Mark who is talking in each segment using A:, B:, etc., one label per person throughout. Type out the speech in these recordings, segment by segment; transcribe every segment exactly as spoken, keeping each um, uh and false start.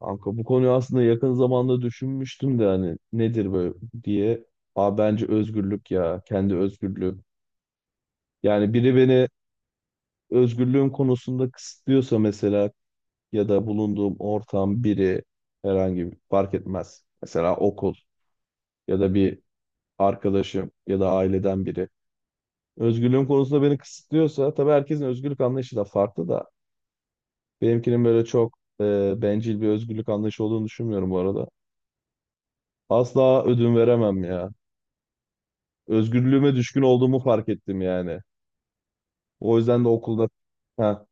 A: Kanka bu konuyu aslında yakın zamanda düşünmüştüm de hani nedir böyle diye. Aa bence özgürlük ya. Kendi özgürlüğüm. Yani biri beni özgürlüğüm konusunda kısıtlıyorsa mesela ya da bulunduğum ortam biri herhangi bir fark etmez. Mesela okul ya da bir arkadaşım ya da aileden biri. Özgürlüğüm konusunda beni kısıtlıyorsa tabii herkesin özgürlük anlayışı da farklı da benimkinin böyle çok e, bencil bir özgürlük anlayışı olduğunu düşünmüyorum bu arada. Asla ödün veremem ya. Özgürlüğüme düşkün olduğumu fark ettim yani. O yüzden de okulda ha,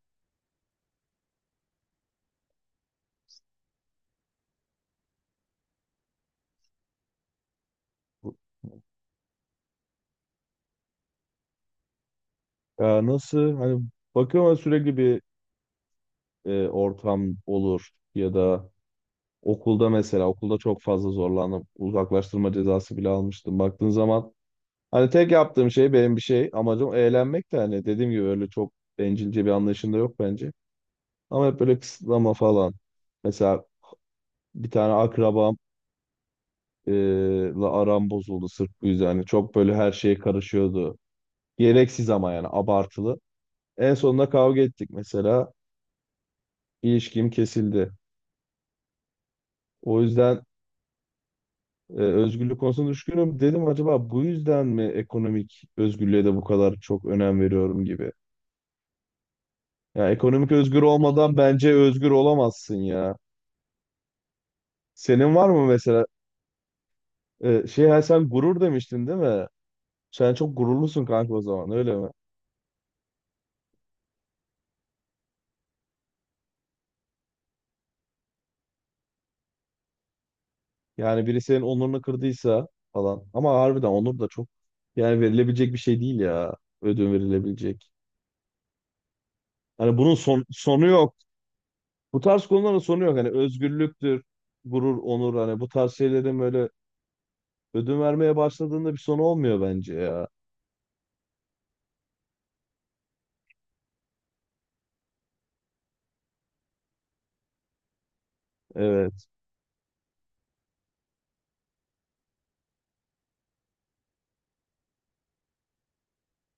A: ya nasıl hani bakıyorum ama sürekli bir e, ortam olur ya da okulda mesela okulda çok fazla zorlandım. Uzaklaştırma cezası bile almıştım. Baktığın zaman hani tek yaptığım şey benim bir şey amacım eğlenmek de hani dediğim gibi öyle çok bencilce bir anlayışım da yok bence. Ama hep böyle kısıtlama falan. Mesela bir tane akrabam e, la aram bozuldu sırf bu yüzden. Hani çok böyle her şeye karışıyordu. Gereksiz ama yani abartılı. En sonunda kavga ettik mesela. İlişkim kesildi. O yüzden e, özgürlük konusunda düşkünüm. Dedim acaba bu yüzden mi ekonomik özgürlüğe de bu kadar çok önem veriyorum gibi. Ya ekonomik özgür olmadan bence özgür olamazsın ya. Senin var mı mesela e, şey ha, sen gurur demiştin değil mi? Sen çok gururlusun kanka o zaman öyle mi? Yani biri senin onurunu kırdıysa falan. Ama harbiden onur da çok yani verilebilecek bir şey değil ya. Ödün verilebilecek. Hani bunun son, sonu yok. Bu tarz konuların sonu yok. Hani özgürlüktür, gurur, onur hani bu tarz şeylerin böyle ödün vermeye başladığında bir sonu olmuyor bence ya. Evet,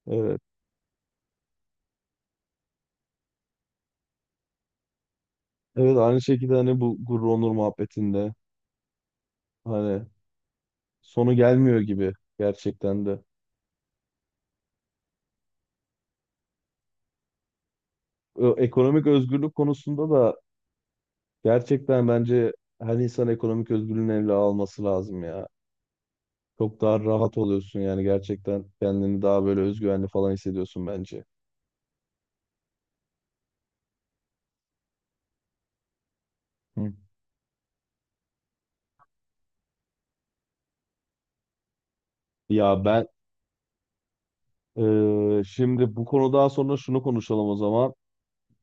A: evet. Evet aynı şekilde hani bu gurur, onur muhabbetinde hani sonu gelmiyor gibi gerçekten de. Ö- Ekonomik özgürlük konusunda da gerçekten bence her insan ekonomik özgürlüğünü eline alması lazım ya. Çok daha rahat oluyorsun yani gerçekten kendini daha böyle özgüvenli falan hissediyorsun bence. Hı. Ya ben Ee, şimdi bu konudan sonra şunu konuşalım o zaman.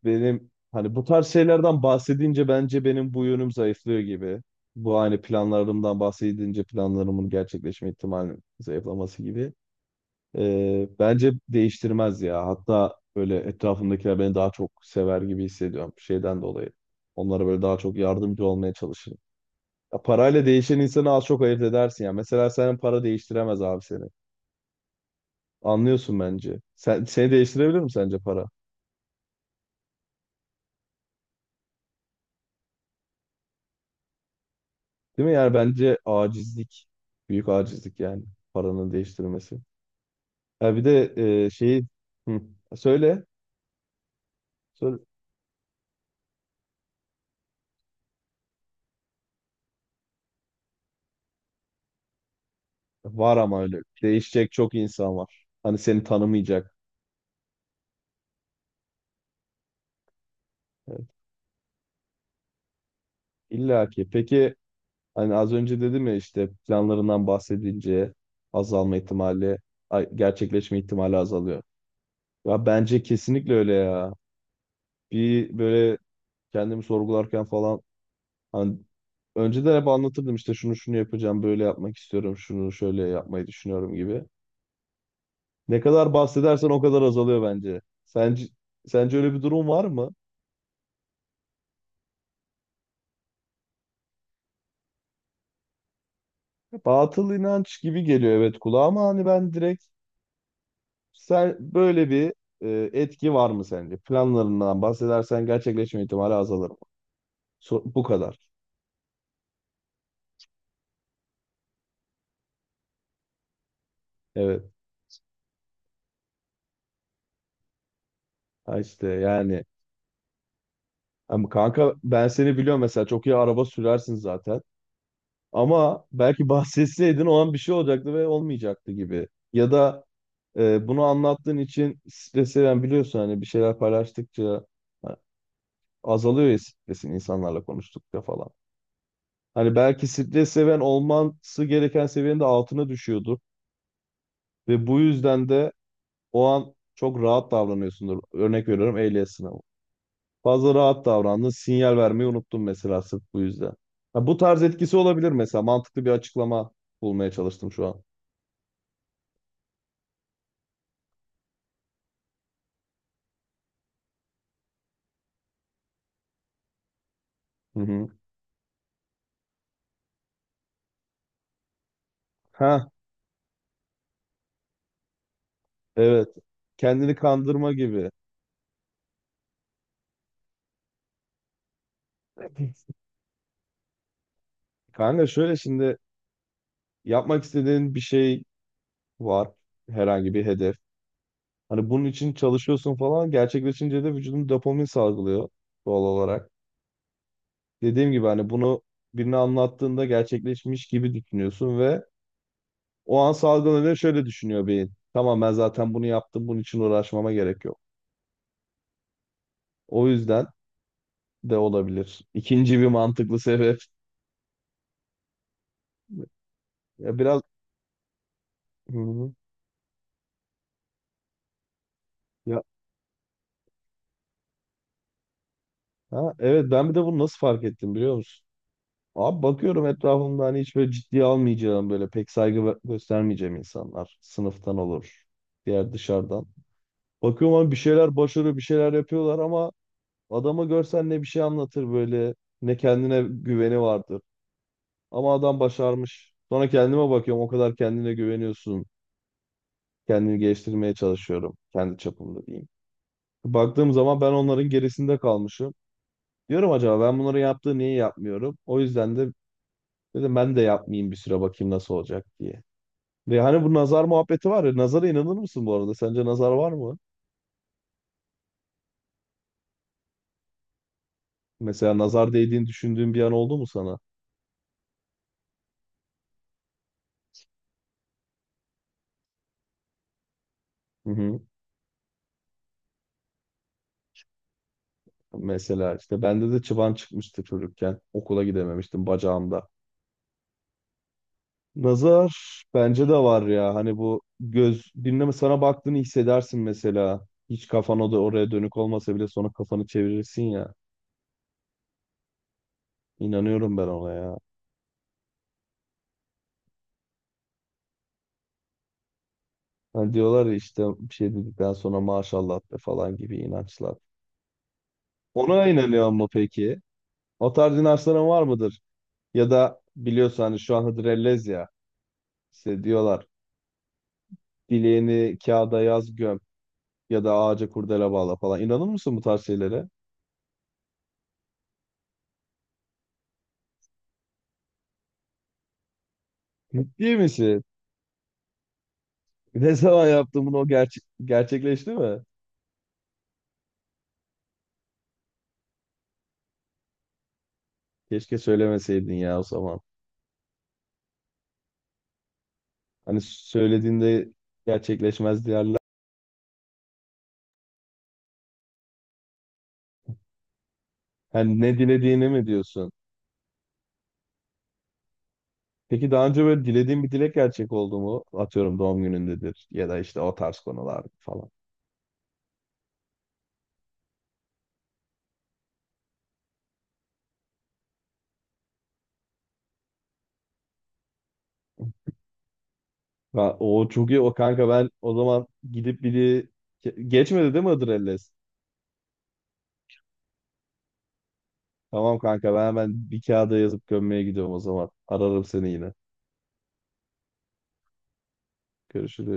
A: Benim hani bu tarz şeylerden bahsedince bence benim bu yönüm zayıflıyor gibi. Bu hani planlarımdan bahsedince planlarımın gerçekleşme ihtimalinin zayıflaması gibi. Ee, bence değiştirmez ya. Hatta böyle etrafımdakiler beni daha çok sever gibi hissediyorum şeyden dolayı. Onlara böyle daha çok yardımcı olmaya çalışırım. Ya parayla değişen insanı az çok ayırt edersin ya. Mesela senin para değiştiremez abi seni. Anlıyorsun bence. Sen, seni değiştirebilir mi sence para? Değil mi? Yani bence acizlik. Büyük acizlik yani. Paranın değiştirmesi. Ha bir de e, şeyi hı, söyle. Söyle. Var ama öyle. Değişecek çok insan var. Hani seni tanımayacak. Evet. İlla ki. Peki hani az önce dedim ya işte planlarından bahsedince azalma ihtimali, ay- gerçekleşme ihtimali azalıyor. Ya bence kesinlikle öyle ya. Bir böyle kendimi sorgularken falan. Hani önceden hep anlatırdım işte şunu şunu yapacağım, böyle yapmak istiyorum, şunu şöyle yapmayı düşünüyorum gibi. Ne kadar bahsedersen o kadar azalıyor bence. Sence, sence öyle bir durum var mı? Batıl inanç gibi geliyor evet kulağa ama hani ben direkt sen böyle bir e, etki var mı sence? Planlarından bahsedersen gerçekleşme ihtimali azalır mı? So- bu kadar. Evet. Ha işte yani ama kanka ben seni biliyorum mesela çok iyi araba sürersin zaten. Ama belki bahsetseydin o an bir şey olacaktı ve olmayacaktı gibi. Ya da e, bunu anlattığın için stres seven biliyorsun hani bir şeyler paylaştıkça ha, azalıyor ya stresin insanlarla konuştukça falan. Hani belki stres seven olması gereken seviyenin de altına düşüyordur ve bu yüzden de o an çok rahat davranıyorsundur. Örnek veriyorum ehliyet sınavı. Fazla rahat davrandın, sinyal vermeyi unuttun mesela sırf bu yüzden. Ha, bu tarz etkisi olabilir mesela. Mantıklı bir açıklama bulmaya çalıştım şu an. Hı hı. Ha evet. Kendini kandırma gibi. Kanka şöyle şimdi yapmak istediğin bir şey var. Herhangi bir hedef. Hani bunun için çalışıyorsun falan. Gerçekleşince de vücudun dopamin salgılıyor doğal olarak. Dediğim gibi hani bunu birine anlattığında gerçekleşmiş gibi düşünüyorsun ve o an salgılanıyor şöyle düşünüyor beyin. Tamam ben zaten bunu yaptım. Bunun için uğraşmama gerek yok. O yüzden de olabilir. İkinci bir mantıklı sebep. Ya biraz. Hı hı. Ha, evet ben bir de bunu nasıl fark ettim biliyor musun? Abi bakıyorum etrafımda hani hiç böyle ciddiye almayacağım böyle pek saygı gö- göstermeyeceğim insanlar. Sınıftan olur. Diğer dışarıdan. Bakıyorum abi bir şeyler başarıyor bir şeyler yapıyorlar ama adamı görsen ne bir şey anlatır böyle ne kendine güveni vardır. Ama adam başarmış. Sonra kendime bakıyorum o kadar kendine güveniyorsun. Kendini geliştirmeye çalışıyorum. Kendi çapımda diyeyim. Baktığım zaman ben onların gerisinde kalmışım. Diyorum acaba ben bunları yaptığı niye yapmıyorum? O yüzden de dedim ben de yapmayayım bir süre bakayım nasıl olacak diye. Ve hani bu nazar muhabbeti var ya. Nazara inanır mısın bu arada? Sence nazar var mı? Mesela nazar değdiğini düşündüğün bir an oldu mu sana? Hı hı. Mesela işte bende de çıban çıkmıştı çocukken. Okula gidememiştim bacağımda. Nazar bence de var ya. Hani bu göz dinleme sana baktığını hissedersin mesela. Hiç kafan o da oraya dönük olmasa bile sonra kafanı çevirirsin ya. İnanıyorum ben ona ya. Hani diyorlar ya işte bir şey dedikten sonra maşallah be falan gibi inançlar. Ona inanıyor mu peki? O tarz inançların var mıdır? Ya da biliyorsun hani şu an Hıdrellez ya. İşte diyorlar dileğini kağıda yaz göm ya da ağaca kurdele bağla falan. İnanır mısın bu tarz şeylere? Ciddi misin? Ne zaman yaptın bunu o gerçek gerçekleşti mi? Keşke söylemeseydin ya o zaman. Hani söylediğinde gerçekleşmez diyorlar. Hani ne dilediğini mi diyorsun? Peki daha önce böyle dilediğin bir dilek gerçek oldu mu? Atıyorum doğum günündedir ya da işte o tarz konular falan. Ha, o çok iyi o kanka ben o zaman gidip biri Ge- geçmedi değil mi Adrelles? Tamam kanka ben hemen bir kağıda yazıp gömmeye gidiyorum o zaman. Ararım seni yine. Görüşürüz.